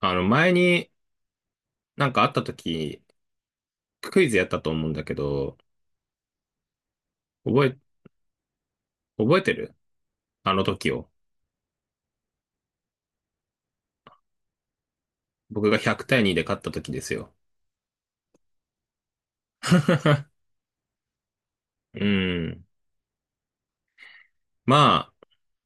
あの、前になんかあった時、クイズやったと思うんだけど、覚え、覚えてるあの時を。僕が100対2で勝った時ですよ。うん。まあ、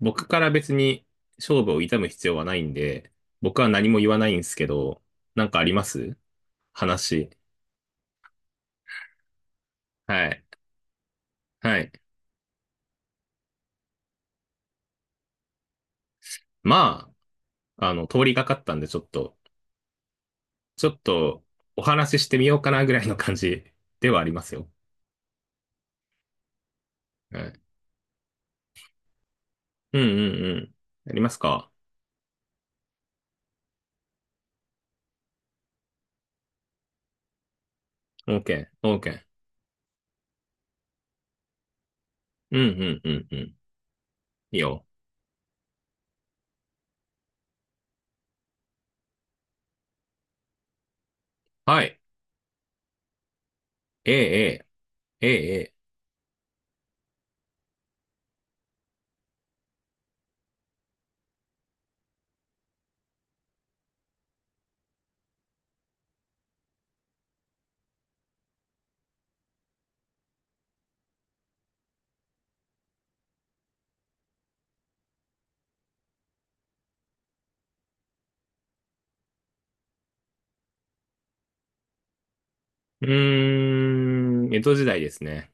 僕から別に勝負を痛む必要はないんで、僕は何も言わないんですけど、なんかあります話。はい。はい。まあ、通りがかったんでちょっとお話ししてみようかなぐらいの感じではありますよ。はい。うんうんうん。やりますか？ OK, OK. うん、うん、うん、うん。いいよ。はい。ええ、ええ、ええ。ええ。うーん、江戸時代ですね。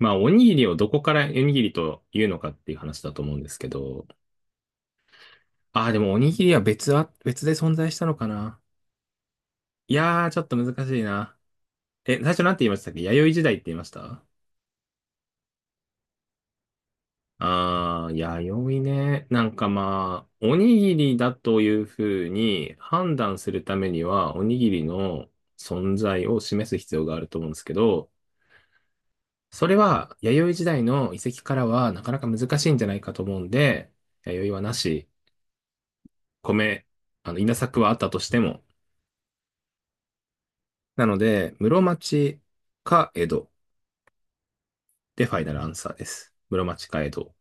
まあ、おにぎりをどこからおにぎりというのかっていう話だと思うんですけど。ああ、でもおにぎりは別で存在したのかな。いやー、ちょっと難しいな。え、最初なんて言いましたっけ？弥生時代って言いました？ああ、弥生ね。なんかまあ、おにぎりだというふうに判断するためには、おにぎりの存在を示す必要があると思うんですけど、それは弥生時代の遺跡からはなかなか難しいんじゃないかと思うんで、弥生はなし、米、あの、稲作はあったとしても。なので、室町か江戸でファイナルアンサーです。室町か江戸。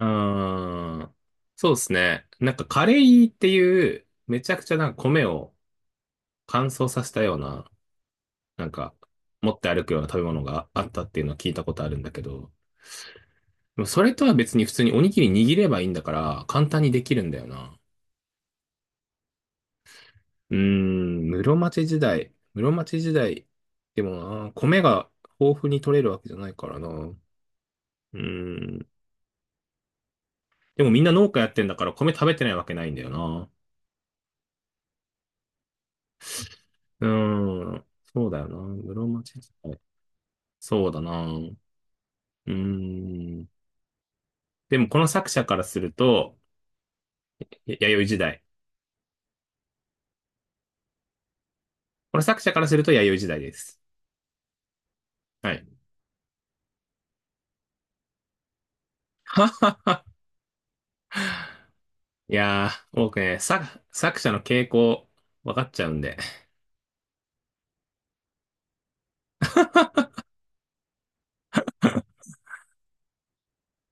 うーん。そうですね。なんかカレイっていう、めちゃくちゃなんか米を乾燥させたような、なんか持って歩くような食べ物があったっていうのは聞いたことあるんだけど、でもそれとは別に普通におにぎり握ればいいんだから簡単にできるんだよな。うーん、室町時代。室町時代。でもな、米が豊富に取れるわけじゃないからな。うーん。でもみんな農家やってんだから米食べてないわけないんだよな。うーん。そうだよな。室町時代。そうだな。うーん。でもこの作者からすると、弥生時代。この作者からすると弥生時代です。はい。いやー、僕ね、作者の傾向、分かっちゃうんで。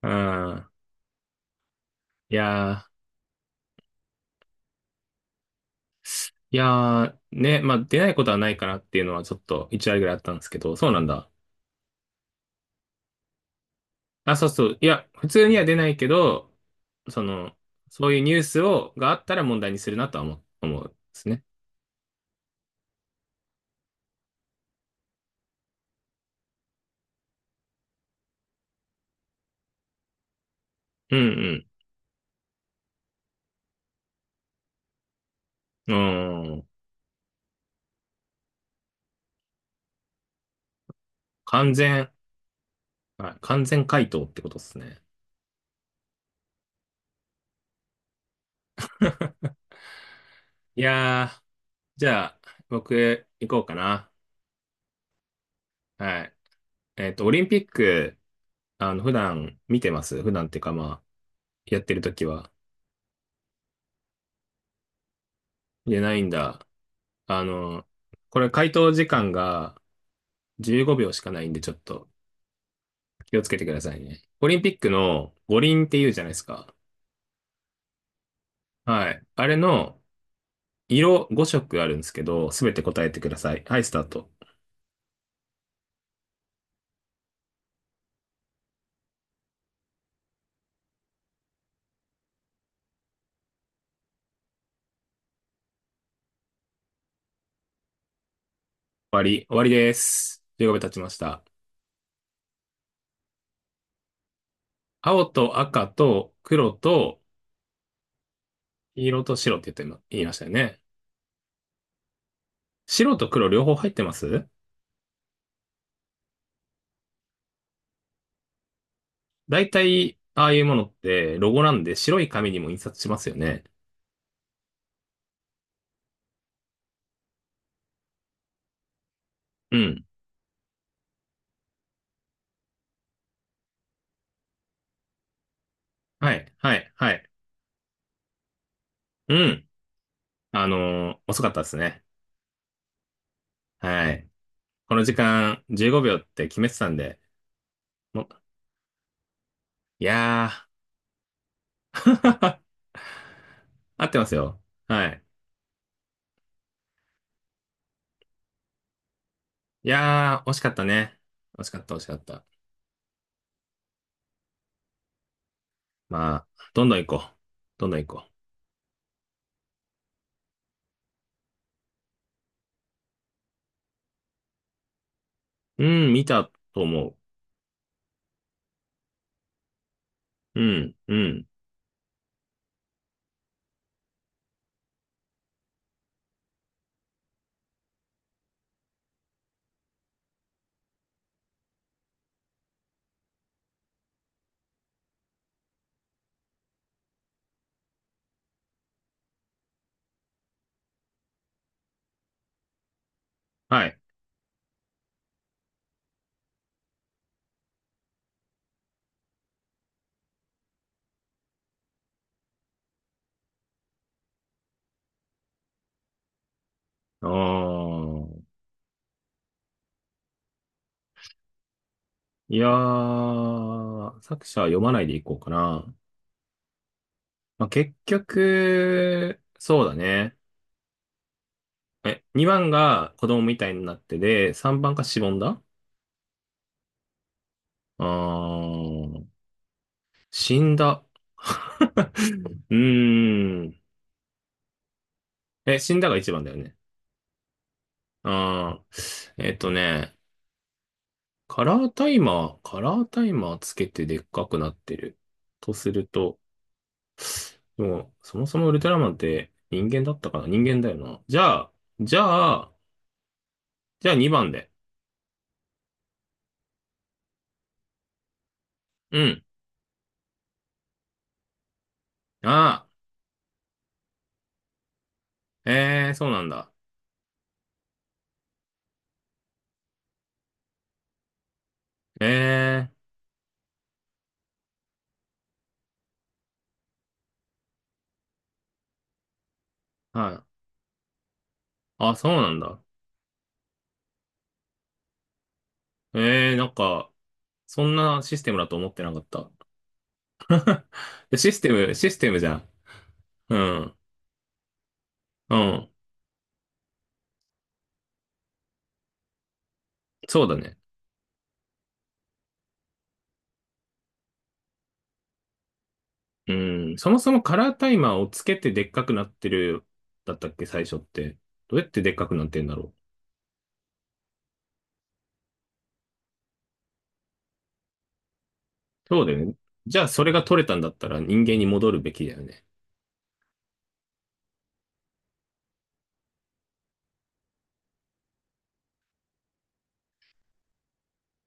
うん。いやー、いやー、ね、まあ、出ないことはないかなっていうのはちょっと1割ぐらいあったんですけど、そうなんだ。あ、そうそう。いや、普通には出ないけど、その、そういうニュースがあったら問題にするなとは思うんですね。うんうん。うん。完全、はい。完全回答ってことですね。いやー、じゃあ、僕、行こうかな。はい。オリンピック、普段見てます？普段っていうか、まあ、やってるときは。いや、ないんだ。あの、これ回答時間が15秒しかないんで、ちょっと気をつけてくださいね。オリンピックの五輪って言うじゃないですか。はい。あれの色5色あるんですけど、すべて答えてください。はい、スタート。終わり。終わりです。15秒経ちました。青と赤と黒と黄色と白って言いましたよね。白と黒両方入ってます？大体、ああいうものってロゴなんで白い紙にも印刷しますよね。うん。はい、はい、はい。うん。遅かったですね。はい。この時間15秒って決めてたんで、もういやー、合ってますよ。はい。いやー、惜しかったね。惜しかった、惜しかった。まあ、どんどん行こう。どんどん行こう。うん、見たと思う。うん、うん。はい。あーいやー、作者は読まないでいこうかな。まあ、結局、そうだね。え、2番が子供みたいになってで、3番がしぼんだ？あー、死んだ。うーん。え、死んだが1番だよね。あー、カラータイマーつけてでっかくなってる。とすると、もう、そもそもウルトラマンって人間だったかな？人間だよな。じゃあ、じゃあ2番で。うん。ああ、ええー、そうなんだ。ええー、はい。あ、そうなんだ。ええー、なんか、そんなシステムだと思ってなかった。でシステムじゃん。うん。うん。そうだね。うん。そもそもカラータイマーをつけてでっかくなってる、だったっけ、最初って。どうやってでっかくなってんだろう。そうだよね。じゃあ、それが取れたんだったら人間に戻るべきだよね。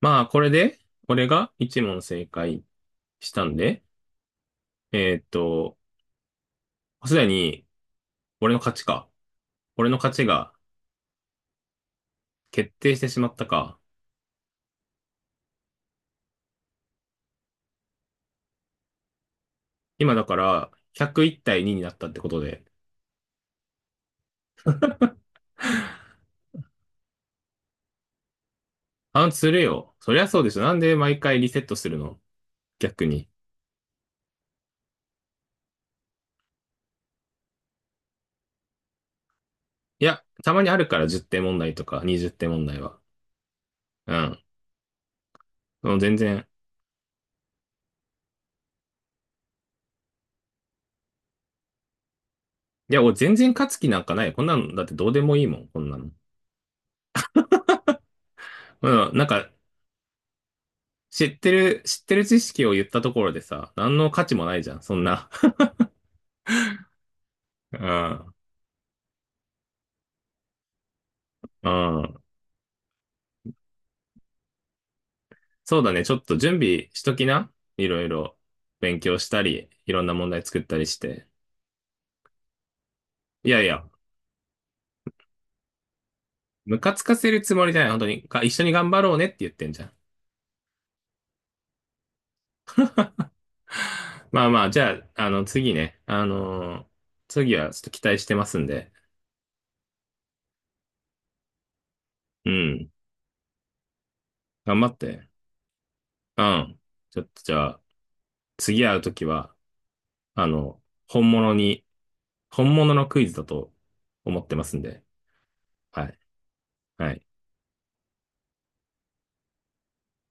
まあ、これで、俺が一問正解したんで、えーっと、すでに、俺の勝ちか。俺の勝ちが決定してしまったか。今だから、101対2になったってことで。あ、するよ。そりゃそうでしょ。なんで毎回リセットするの？逆に。いや、たまにあるから10点問題とか20点問題は。うん。もう全然。いや、俺全然勝つ気なんかない。こんなの、だってどうでもいいもん、こんなの。うん、なんか、知ってる知識を言ったところでさ、何の価値もないじゃん、そんな。うん。うん。そうだね。ちょっと準備しときな。いろいろ勉強したり、いろんな問題作ったりして。いやいや、ムカつかせるつもりじゃない。本当に。一緒に頑張ろうねって言ってんじゃん。まあまあ、じゃあ、次ね。次はちょっと期待してますんで。うん。頑張って。うん。ちょっとじゃあ、次会うときは、あの、本物に、本物のクイズだと思ってますんで。はい。はい。